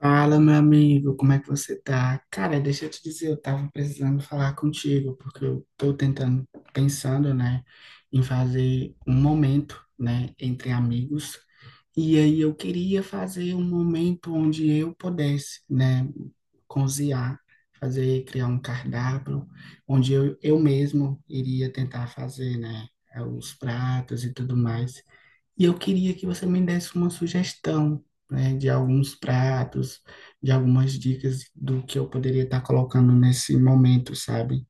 Fala, meu amigo, como é que você tá? Cara, deixa eu te dizer, eu tava precisando falar contigo, porque eu tô tentando, pensando, né, em fazer um momento, né, entre amigos, e aí eu queria fazer um momento onde eu pudesse, né, cozinhar, fazer, criar um cardápio, onde eu mesmo iria tentar fazer, né, os pratos e tudo mais. E eu queria que você me desse uma sugestão, né, de alguns pratos, de algumas dicas do que eu poderia estar colocando nesse momento, sabe?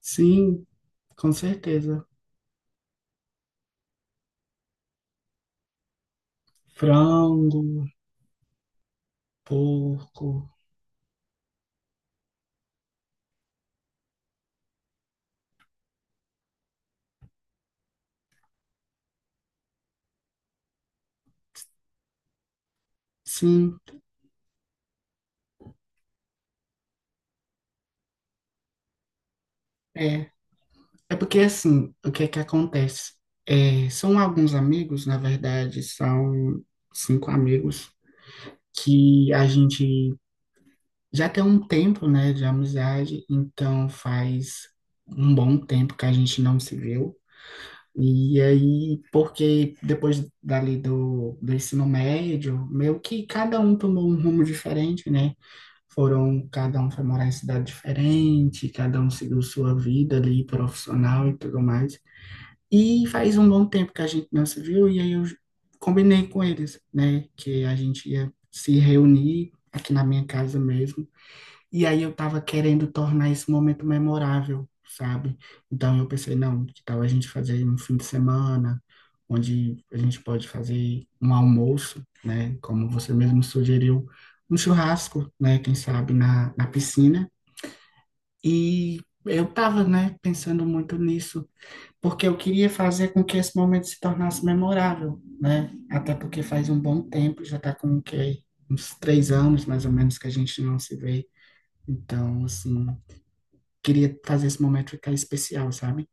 Sim, com certeza. Frango, porco, sim, é. É porque assim, o que é que acontece? É, são alguns amigos, na verdade, são cinco amigos que a gente já tem um tempo, né, de amizade, então faz um bom tempo que a gente não se viu. E aí, porque depois dali do ensino médio, meio que cada um tomou um rumo diferente, né? Foram, cada um foi morar em cidade diferente, cada um seguiu sua vida ali profissional e tudo mais. E faz um bom tempo que a gente não se viu, e aí eu combinei com eles, né, que a gente ia se reunir aqui na minha casa mesmo e aí eu tava querendo tornar esse momento memorável, sabe? Então eu pensei, não, que tal a gente fazer um fim de semana, onde a gente pode fazer um almoço, né? Como você mesmo sugeriu, um churrasco, né? Quem sabe na piscina. E eu tava, né, pensando muito nisso, porque eu queria fazer com que esse momento se tornasse memorável, né? Até porque faz um bom tempo, já tá com o quê? Uns 3 anos, mais ou menos, que a gente não se vê. Então, assim, queria fazer esse momento ficar especial, sabe?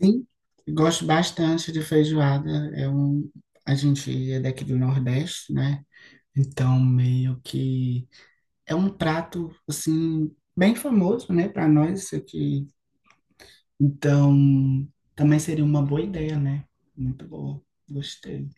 Sim, gosto bastante de feijoada. É um, a gente é daqui do Nordeste, né? Então, meio que é um prato, assim, bem famoso, né, para nós isso aqui. Então, também seria uma boa ideia, né? Muito boa. Gostei.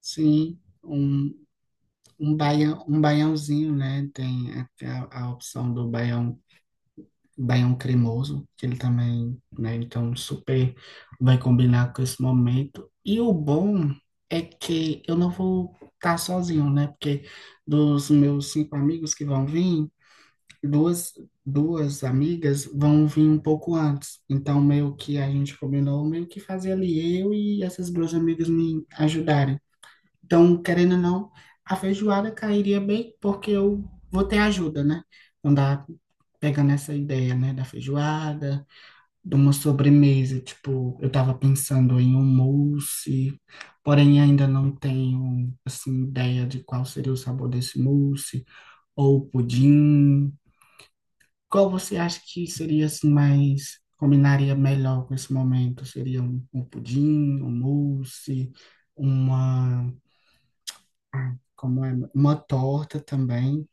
Sim, um baião, um baiãozinho, né? Tem a opção do baião. Daí é um cremoso, que ele também, né? Então, super vai combinar com esse momento. E o bom é que eu não vou estar sozinho, né? Porque dos meus cinco amigos que vão vir, duas, duas amigas vão vir um pouco antes. Então, meio que a gente combinou, meio que fazer ali eu e essas duas amigas me ajudarem. Então, querendo ou não, a feijoada cairia bem porque eu vou ter ajuda, né? Então dá pegando essa ideia, né, da feijoada, de uma sobremesa, tipo, eu tava pensando em um mousse, porém ainda não tenho assim ideia de qual seria o sabor desse mousse ou pudim. Qual você acha que seria assim mais combinaria melhor com esse momento? Seria um pudim, um mousse, uma como é uma torta também.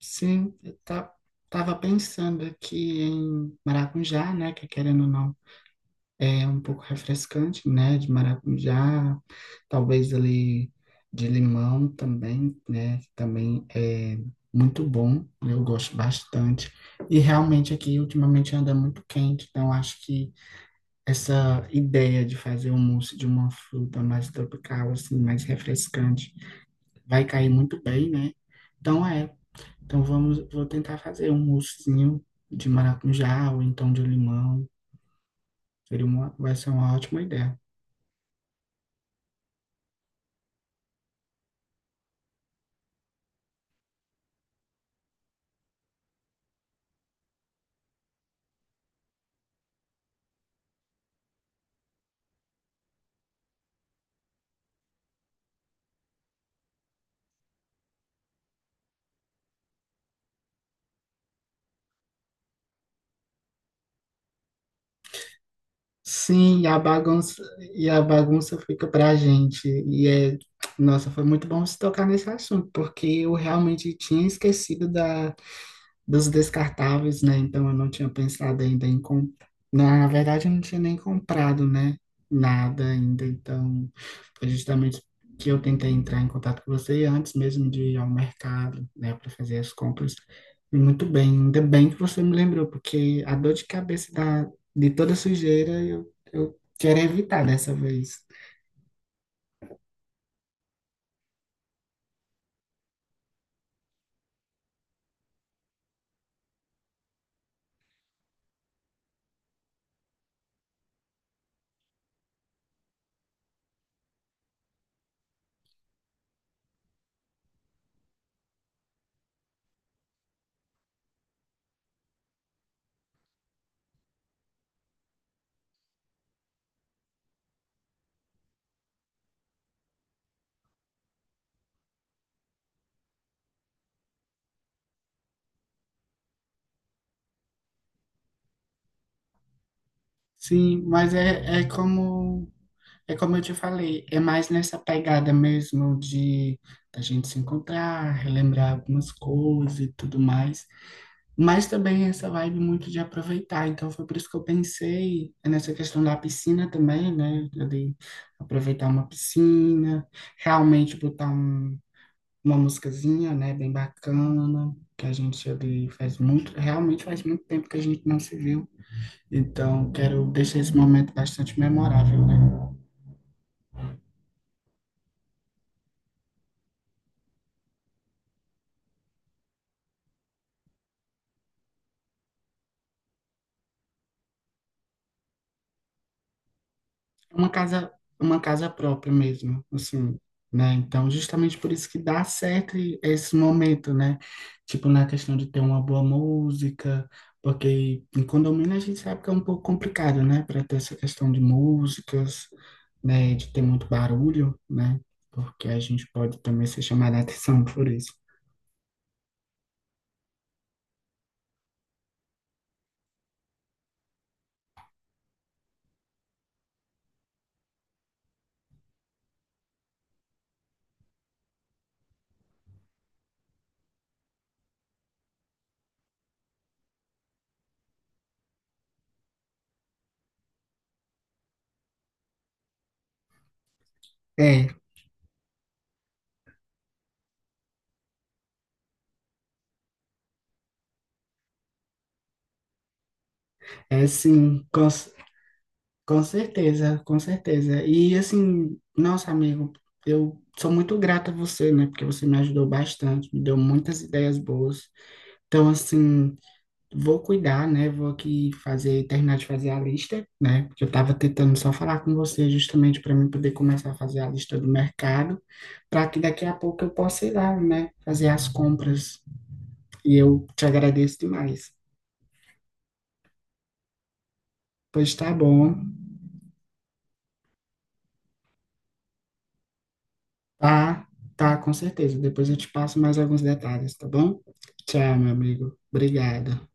Sim, tava pensando aqui em maracujá, né? Que querendo ou não, é um pouco refrescante, né? De maracujá, talvez ali de limão também, né? que Também é muito bom, eu gosto bastante. E realmente aqui ultimamente anda muito quente, então acho que essa ideia de fazer um mousse de uma fruta mais tropical, assim, mais refrescante vai cair muito bem, né? Então é, então, vou tentar fazer um moussezinho de maracujá ou então de limão. Seria uma, vai ser uma ótima ideia. Sim, e a bagunça fica pra gente. E é, nossa, foi muito bom se tocar nesse assunto, porque eu realmente tinha esquecido da dos descartáveis, né? Então eu não tinha pensado ainda em comprar. Na verdade, eu não tinha nem comprado, né? Nada ainda. Então, foi justamente que eu tentei entrar em contato com você antes mesmo de ir ao mercado, né? Para fazer as compras. E muito bem, ainda bem que você me lembrou, porque a dor de cabeça da, de toda sujeira eu quero evitar dessa vez. Sim, é como eu te falei, é mais nessa pegada mesmo de a gente se encontrar, relembrar algumas coisas e tudo mais. Mas também essa vibe muito de aproveitar. Então foi por isso que eu pensei nessa questão da piscina também, né? De aproveitar uma piscina, realmente botar uma musicazinha, né? Bem bacana, que a gente ali faz muito, realmente faz muito tempo que a gente não se viu. Então quero deixar esse momento bastante memorável, né? uma casa, uma casa própria mesmo, assim, né? Então, justamente por isso que dá certo esse momento, né? Tipo, na questão de ter uma boa música, porque em condomínio a gente sabe que é um pouco complicado, né? Para ter essa questão de músicas, né? De ter muito barulho, né? Porque a gente pode também ser chamado a atenção por isso. É, é, sim. Com certeza, com certeza. E assim, nossa, amigo, eu sou muito grata a você, né? Porque você me ajudou bastante, me deu muitas ideias boas. Então, assim, vou cuidar, né? Vou aqui fazer, terminar de fazer a lista, né? Porque eu tava tentando só falar com você justamente para mim poder começar a fazer a lista do mercado, para que daqui a pouco eu possa ir lá, né? Fazer as compras. E eu te agradeço demais. Pois tá bom. Tá, tá, com certeza. Depois eu te passo mais alguns detalhes, tá bom? Tchau, meu amigo. Obrigado.